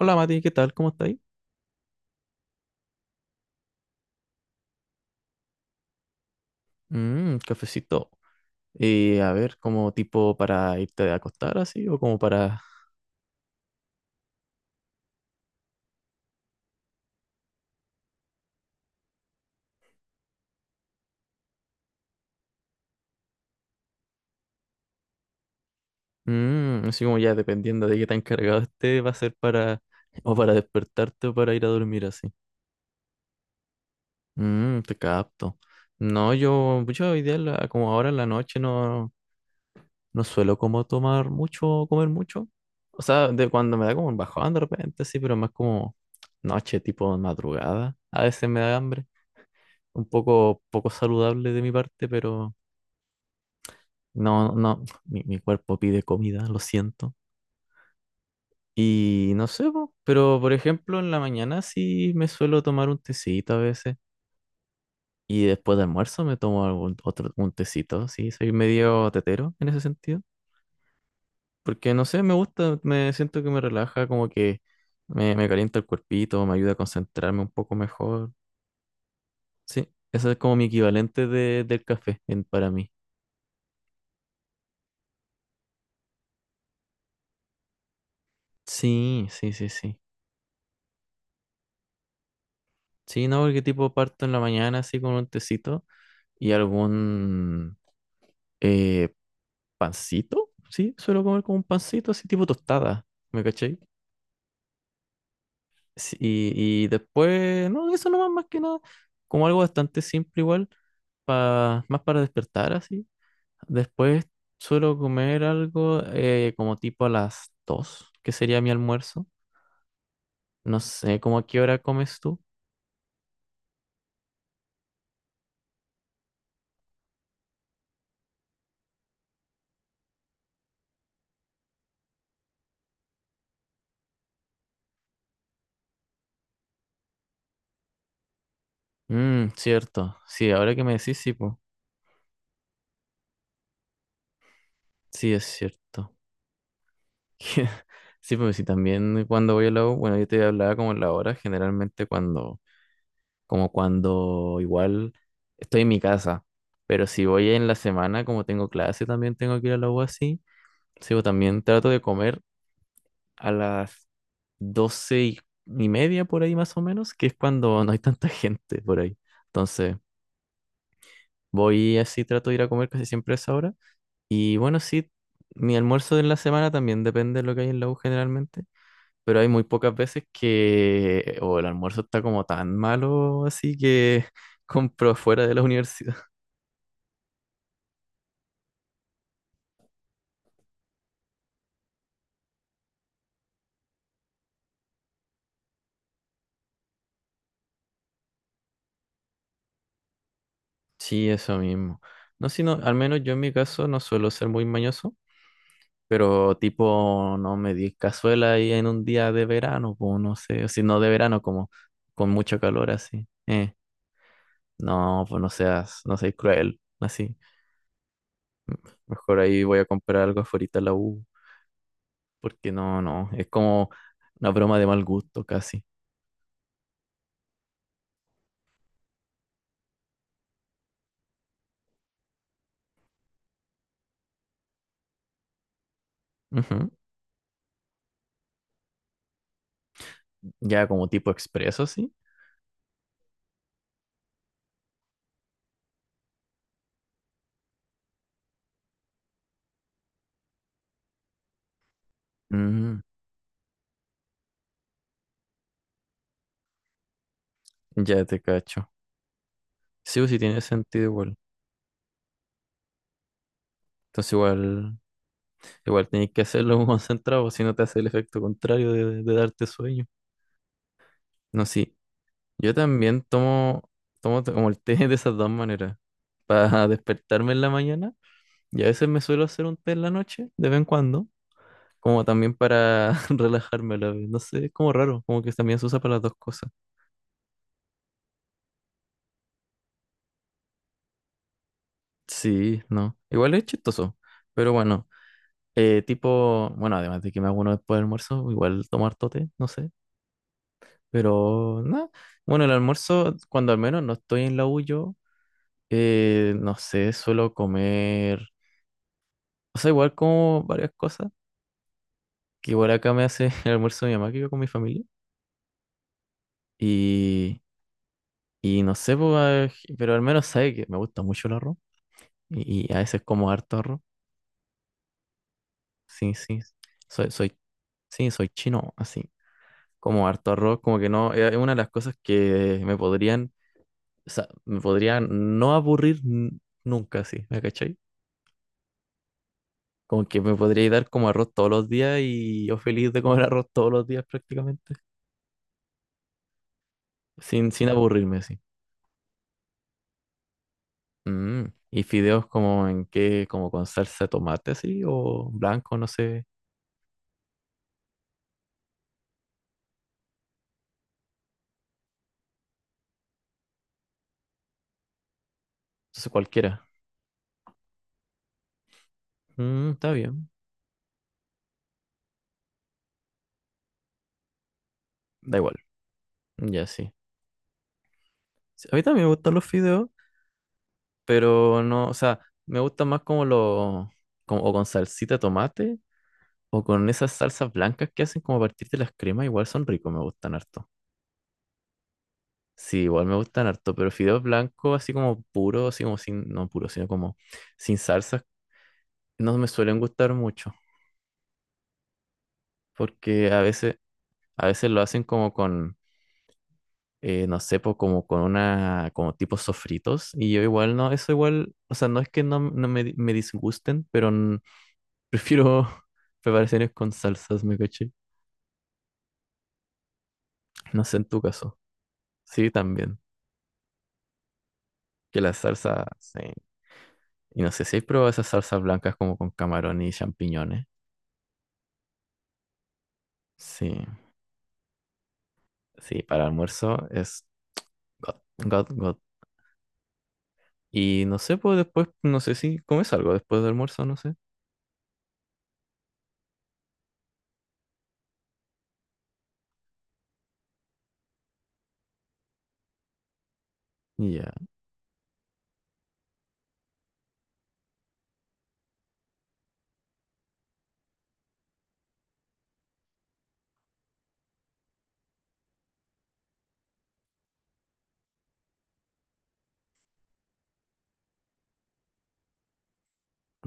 Hola Mati, ¿qué tal? ¿Cómo estáis? Mmm, cafecito. A ver, como tipo para irte a acostar así o como para... Mmm, así como ya dependiendo de qué tan cargado esté, va a ser para... o para despertarte o para ir a dormir así. Mmm, te capto. No, yo hoy día, como ahora en la noche, no, no suelo como tomar mucho, o comer mucho. O sea, de cuando me da como un bajón de repente, sí, pero más como noche, tipo madrugada. A veces me da hambre. Un poco, poco saludable de mi parte, pero no, no, mi cuerpo pide comida, lo siento. Y no sé, po, pero por ejemplo en la mañana sí me suelo tomar un tecito a veces, y después de almuerzo me tomo algún otro, un tecito, sí, soy medio tetero en ese sentido, porque no sé, me gusta, me siento que me relaja, como que me calienta el cuerpito, me ayuda a concentrarme un poco mejor, sí, eso es como mi equivalente del café para mí. Sí, sí, sí, sí. Sí, no, porque tipo parto en la mañana así con un tecito y algún eh, pancito, sí, suelo comer como un pancito así tipo tostada, ¿me caché? Sí, y después, no, eso nomás más que nada, como algo bastante simple igual, más para despertar así. Después suelo comer algo, como tipo a las dos, que sería mi almuerzo. No sé, ¿cómo a qué hora comes tú? Mmm, cierto, sí, ahora que me decís, sí, po, sí, es cierto. Sí, pues sí, también cuando voy a la U, bueno, yo te hablaba como en la hora, generalmente cuando, como cuando igual estoy en mi casa, pero si voy en la semana, como tengo clase, también tengo que ir a la U así, sí, pues también trato de comer a las doce y media por ahí más o menos, que es cuando no hay tanta gente por ahí. Entonces, voy así, trato de ir a comer casi siempre a esa hora. Y bueno, sí, mi almuerzo de la semana también depende de lo que hay en la U generalmente. Pero hay muy pocas veces que o el almuerzo está como tan malo, así que compro fuera de la universidad. Sí, eso mismo. No, sino, al menos yo en mi caso no suelo ser muy mañoso, pero tipo, no me di cazuela ahí en un día de verano, pues no sé, o si no de verano, como con mucho calor así. No, pues no seas, no seas cruel, así. Mejor ahí voy a comprar algo afuera en la U, porque no, no, es como una broma de mal gusto casi. Ujú. Ya como tipo expreso, sí. Mm, ya te cacho. Sí, o sí tiene sentido igual. Entonces igual, igual tenés que hacerlo concentrado, si no te hace el efecto contrario de darte sueño. No, sí. Yo también tomo, como el té de esas dos maneras. Para despertarme en la mañana. Y a veces me suelo hacer un té en la noche, de vez en cuando. Como también para relajarme a la vez. No sé, es como raro. Como que también se usa para las dos cosas. Sí, no. Igual es chistoso. Pero bueno. Tipo, bueno, además de que me hago uno después del almuerzo, igual tomo harto té, no sé. Pero nada, bueno, el almuerzo, cuando al menos no estoy en la U yo, no sé, suelo comer, o sea, igual como varias cosas, que igual acá me hace el almuerzo mi mamá, que vivo con mi familia. Y, y no sé, pues, ah, pero al menos sabe que me gusta mucho el arroz y a veces como harto arroz. Sí, sí, soy sí, soy chino, así. Como harto arroz, como que no, es una de las cosas que me podrían... O sea, me podría no nunca así, ¿me cachai? Como que me podría dar como arroz todos los días y yo feliz de comer arroz todos los días prácticamente, sin aburrirme así. Mm, ¿y fideos como en qué? ¿Como con salsa de tomate así? ¿O blanco? No sé, no sé cualquiera. Mm, está bien, da igual, ya sí. Sí, a mí también me gustan los fideos, pero no, o sea, me gustan más como los, como o con salsita de tomate, o con esas salsas blancas que hacen como a partir de las cremas, igual son ricos, me gustan harto. Sí, igual me gustan harto, pero fideos blancos así como puros, así como sin, no puros, sino como sin salsas, no me suelen gustar mucho, porque a veces lo hacen como con, no sé, po, como con una, como tipo sofritos, y yo igual no, eso igual, o sea, no es que no, no me, me disgusten, pero prefiero preparaciones con salsas, me caché. No sé en tu caso. Sí, también. Que la salsa, sí. Y no sé si he probado esas salsas blancas como con camarón y champiñones. Sí, sí, para almuerzo es God, God, God. Y no sé, pues después, no sé si comes algo después del almuerzo, no sé. Ya,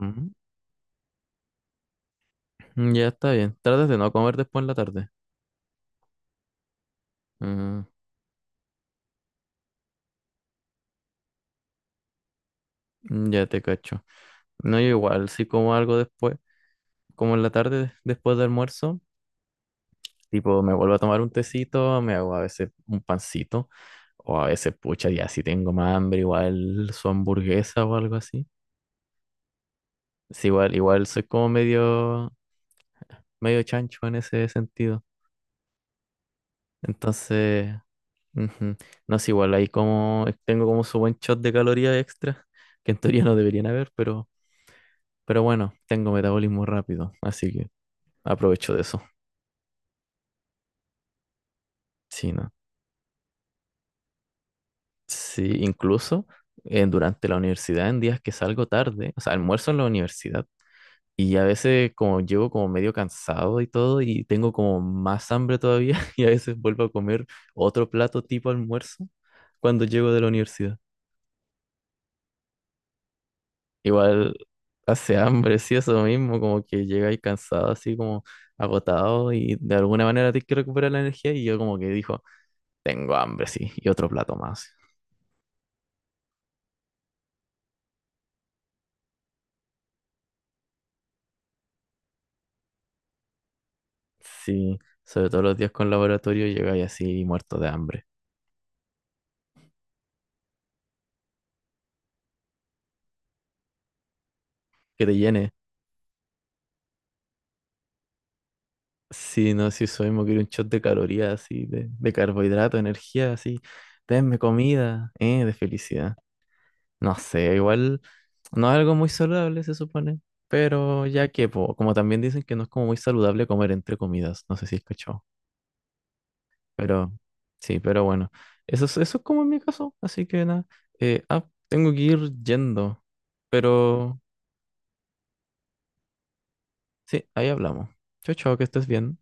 ujú. Ya está bien. Tratas de no comer después en la tarde. Ujú, ya te cacho. No, yo igual, si como algo después, como en la tarde después del almuerzo, tipo me vuelvo a tomar un tecito, me hago a veces un pancito, o a veces, pucha, ya si tengo más hambre, igual su hamburguesa o algo así. Sí, igual, igual soy como medio, medio chancho en ese sentido. Entonces, ujú. No es igual, ahí como, tengo como su buen shot de calorías extra, que en teoría no deberían haber, pero bueno, tengo metabolismo rápido, así que aprovecho de eso. Sí, no. Sí, incluso durante la universidad, en días que salgo tarde, o sea, almuerzo en la universidad. Y a veces como llego como medio cansado y todo y tengo como más hambre todavía y a veces vuelvo a comer otro plato tipo almuerzo cuando llego de la universidad. Igual hace hambre, sí, eso mismo, como que llegáis cansado, así como agotado y de alguna manera tienes que recuperar la energía y yo como que dijo, tengo hambre, sí, y otro plato más. Sí, sobre todo los días con laboratorio llegáis así muerto de hambre. Que te llene. Sí, no, sí, eso mismo, quiero un shot de calorías, así, de carbohidrato, energía, así, denme comida, de felicidad. No sé, igual no es algo muy saludable, se supone, pero ya que, po, como también dicen que no es como muy saludable comer entre comidas, no sé si es cachado, pero sí, pero bueno, eso es como en mi caso, así que nada, tengo que ir yendo, pero sí, ahí hablamos. Chao, chao, que estés bien.